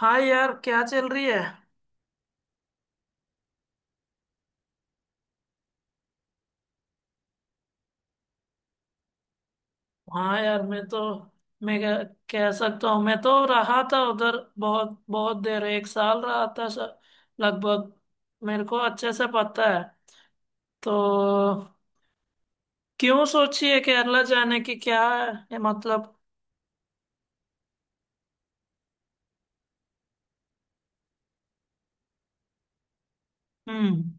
हाय यार, क्या चल रही है? हाँ यार, मैं तो मैं कह, कह सकता हूँ, मैं तो रहा था उधर। बहुत बहुत देर, एक साल रहा था। लगभग। मेरे को अच्छे से पता है। तो क्यों सोची है केरला जाने की, क्या है ये मतलब? हम्म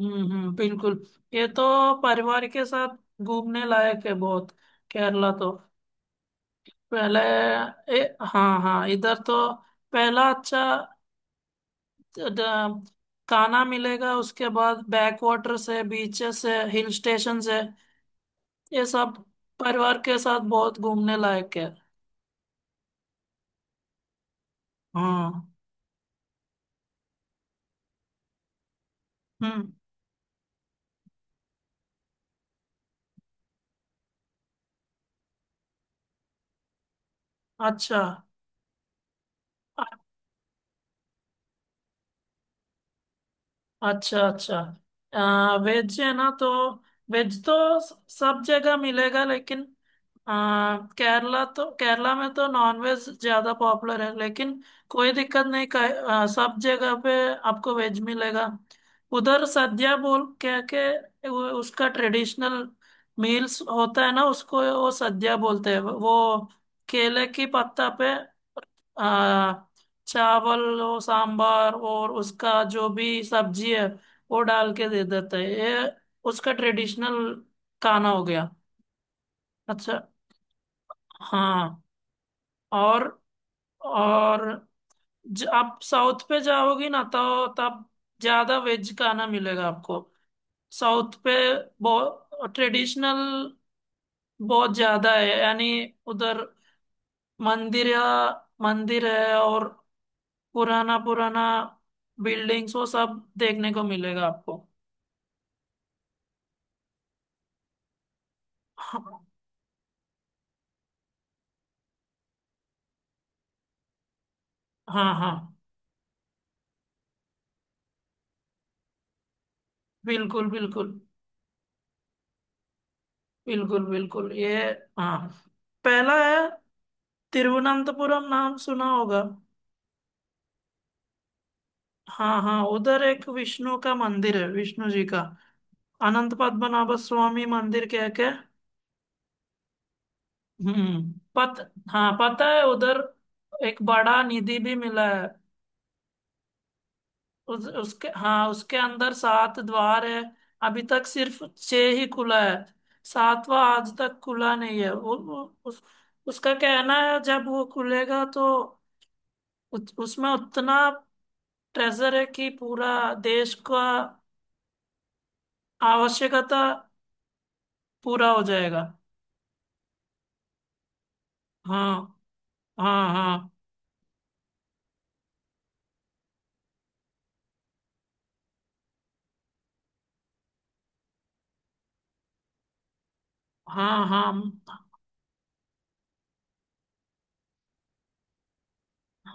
हम्म, बिल्कुल। ये तो परिवार के साथ घूमने लायक है, बहुत। केरला तो पहले... हाँ हाँ, इधर तो पहला अच्छा द- कान्हा मिलेगा। उसके बाद बैक वाटर्स है, बीचेस है, हिल स्टेशन है, ये सब परिवार के साथ बहुत घूमने लायक है। हाँ। हम्म। अच्छा अच्छा। अच्छा, वेज है ना, तो वेज तो सब जगह मिलेगा, लेकिन केरला में तो नॉन वेज ज्यादा पॉपुलर है, लेकिन कोई दिक्कत नहीं। सब जगह पे आपको वेज मिलेगा। उधर सद्या बोल क्या के उसका ट्रेडिशनल मील्स होता है ना, उसको वो सद्या बोलते हैं। वो केले की पत्ता पे आ, चावल और सांभर और उसका जो भी सब्जी है वो डाल के दे देते हैं। ये उसका ट्रेडिशनल खाना हो गया। अच्छा। हाँ। और और आप साउथ पे जाओगी ना, तो तब ज्यादा वेज खाना मिलेगा आपको। साउथ पे बहुत ट्रेडिशनल, बहुत ज्यादा है यानी। उधर मंदिर मंदिर है, और पुराना पुराना बिल्डिंग्स वो सब देखने को मिलेगा आपको। हाँ हाँ हाँ, बिल्कुल बिल्कुल बिल्कुल बिल्कुल। ये, हाँ, पहला है तिरुवनंतपुरम। नाम सुना होगा। हाँ हाँ, उधर एक विष्णु का मंदिर है, विष्णु जी का। अनंत पद्मनाभ स्वामी मंदिर कह के। हम्म, पत हाँ, पता है उधर। एक बड़ा निधि भी मिला है। उसके, हाँ, उसके अंदर सात द्वार है। अभी तक सिर्फ छह ही खुला है, सातवां आज तक खुला नहीं है। उसका कहना है जब वो खुलेगा तो उसमें उतना ट्रेजर है कि पूरा देश का आवश्यकता पूरा हो जाएगा। हाँ हाँ। हाँ हाँ हाँ।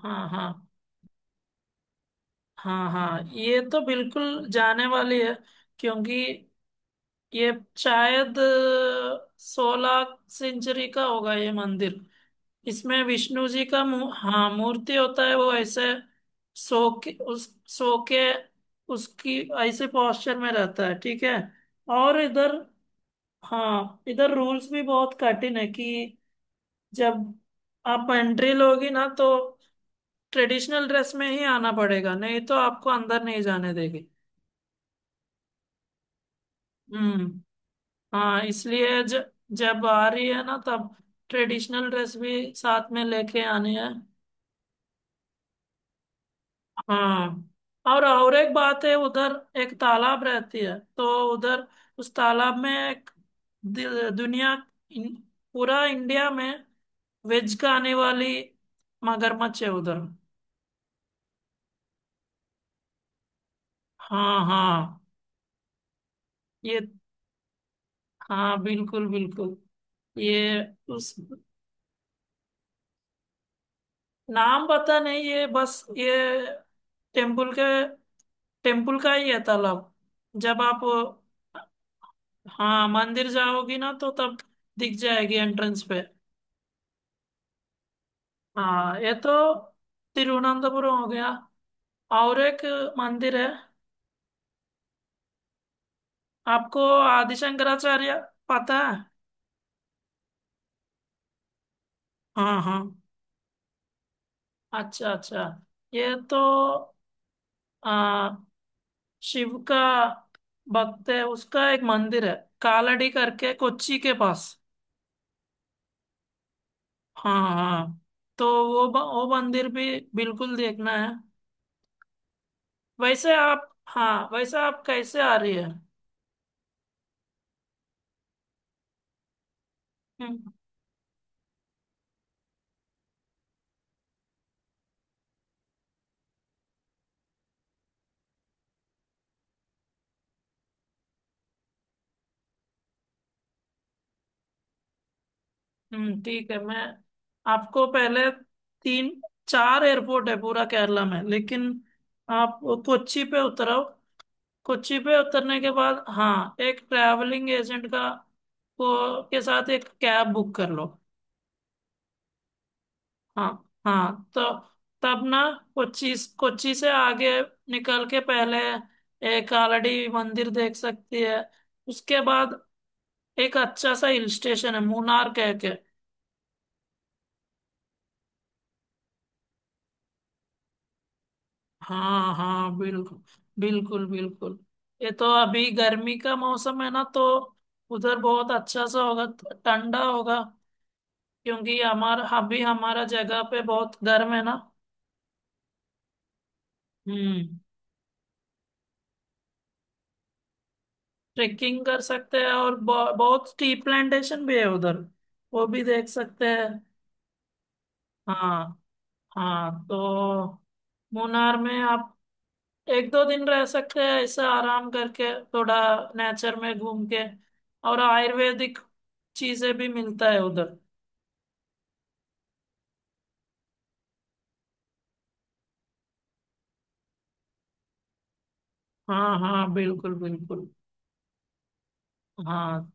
हाँ हाँ हाँ हाँ। ये तो बिल्कुल जाने वाली है, क्योंकि ये शायद 16 सेंचुरी का होगा ये मंदिर। इसमें विष्णु जी का हाँ मूर्ति होता है। वो ऐसे सो के सो के उसकी ऐसे पोस्चर में रहता है, ठीक है। और इधर, हाँ, इधर रूल्स भी बहुत कठिन है कि जब आप एंट्री लोगी ना, तो ट्रेडिशनल ड्रेस में ही आना पड़ेगा, नहीं तो आपको अंदर नहीं जाने देगी। हम्म। हाँ, इसलिए जब आ रही है ना, तब ट्रेडिशनल ड्रेस भी साथ में लेके आनी है। हाँ। और एक बात है उधर, एक तालाब रहती है, तो उधर उस तालाब में एक दुनिया... इन, पूरा इंडिया में वेज खाने वाली मगरमच्छ है उधर। हाँ हाँ। ये, हाँ, बिल्कुल बिल्कुल। ये, उस नाम पता नहीं। ये बस ये टेम्पल के टेम्पल का ही है तालाब। जब आप... हाँ, मंदिर जाओगी ना, तो तब दिख जाएगी एंट्रेंस पे। हाँ, ये तो तिरुवनंतपुरम हो गया। और एक मंदिर है आपको, आदि शंकराचार्य पता है? हाँ हाँ। अच्छा अच्छा। ये तो आ, शिव का भक्त है, उसका एक मंदिर है कालड़ी करके, कोच्चि के पास। हाँ हाँ, तो वो मंदिर भी बिल्कुल देखना है। वैसे आप कैसे आ रही है? हम्म। ठीक है, मैं आपको पहले... तीन चार एयरपोर्ट है पूरा केरला में, लेकिन आप कोच्चि पे उतरो। कोच्चि पे उतरने के बाद, हाँ, एक ट्रैवलिंग एजेंट का को के साथ एक कैब बुक कर लो। हाँ हाँ, तो तब ना, कोच्चि कोच्चि से आगे निकल के पहले एक आलड़ी मंदिर देख सकती है। उसके बाद एक अच्छा सा हिल स्टेशन है, मुन्नार कह के। हाँ हाँ, बिल्कुल बिल्कुल, बिल्कुल। ये तो अभी गर्मी का मौसम है ना, तो उधर बहुत अच्छा सा होगा, ठंडा होगा, क्योंकि हमारा जगह पे बहुत गर्म है ना। हम्म। ट्रेकिंग कर सकते हैं, और बहुत टी प्लांटेशन भी है उधर, वो भी देख सकते हैं। हाँ हाँ, तो मुन्नार में आप एक दो दिन रह सकते हैं, ऐसे आराम करके थोड़ा नेचर में घूम के। और आयुर्वेदिक चीजें भी मिलता है उधर। हाँ हाँ, बिल्कुल बिल्कुल। हाँ,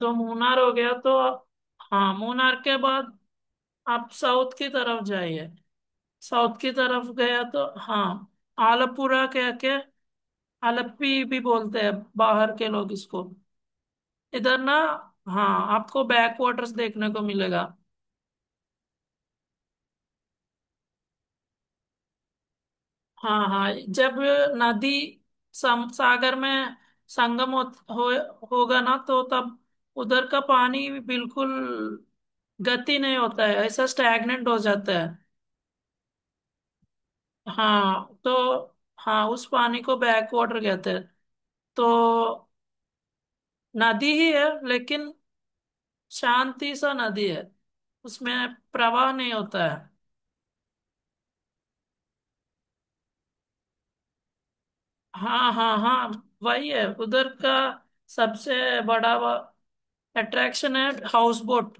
तो मूनार हो गया तो हाँ, मूनार के बाद आप साउथ की तरफ जाइए। साउथ की तरफ गया तो, हाँ, आलपुरा कह के, आलप्पी भी बोलते हैं बाहर के लोग इसको, इधर ना। हाँ, आपको बैक वाटर्स देखने को मिलेगा। हाँ हाँ, जब नदी सागर में संगम होगा ना, तो तब उधर का पानी बिल्कुल गति नहीं होता है, ऐसा स्टैग्नेंट हो जाता है। हाँ तो। हाँ, उस पानी को बैक वाटर कहते हैं। तो नदी ही है, लेकिन शांति सा नदी है, उसमें प्रवाह नहीं होता है। हाँ हाँ हाँ, वही है उधर का सबसे बड़ा अट्रैक्शन है, हाउस बोट।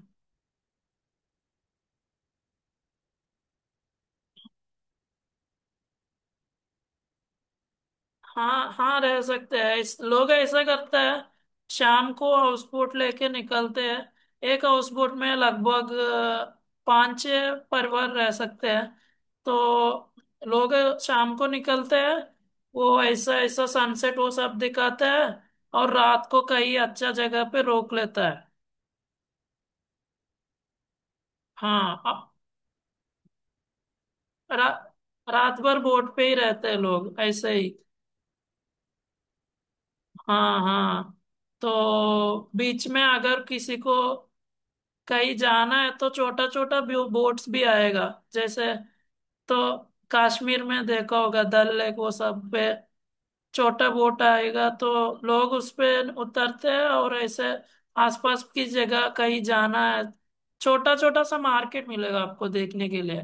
हाँ हाँ, रह सकते हैं। इस लोग ऐसा करते हैं, शाम को हाउस बोट लेके निकलते हैं। एक हाउस बोट में लगभग पाँच छह परिवार रह सकते हैं। तो लोग शाम को निकलते हैं, वो ऐसा ऐसा सनसेट वो सब दिखाते हैं, और रात को कहीं अच्छा जगह पे रोक लेता है। हाँ, रा, रात भर बोट पे ही रहते हैं लोग, ऐसे ही। हाँ हाँ, तो बीच में अगर किसी को कहीं जाना है तो छोटा छोटा व्यू बोट्स भी आएगा। जैसे, तो कश्मीर में देखा होगा डल लेक वो सब पे, छोटा बोट आएगा, तो लोग उस पे उतरते हैं, और ऐसे आसपास की जगह कहीं जाना है, छोटा छोटा सा मार्केट मिलेगा आपको देखने के लिए।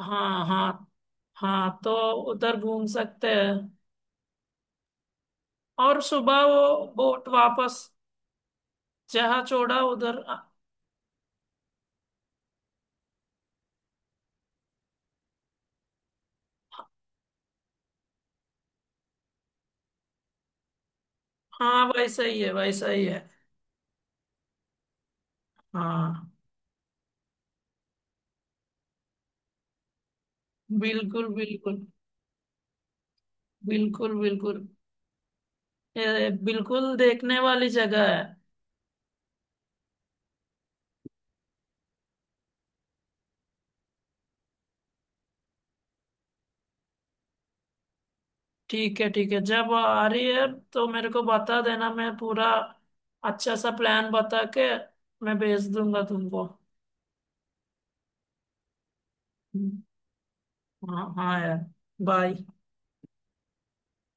हाँ हाँ। हाँ, तो उधर घूम सकते हैं, और सुबह वो बोट वापस जहाँ छोड़ा उधर। हाँ, वैसा ही है, वैसा ही है। हाँ, बिल्कुल बिल्कुल, बिल्कुल बिल्कुल। ये बिल्कुल देखने वाली जगह है। ठीक है ठीक है, जब आ रही है तो मेरे को बता देना। मैं पूरा अच्छा सा प्लान बता के मैं भेज दूंगा तुमको। हम्म, हाँ हाँ यार, बाय।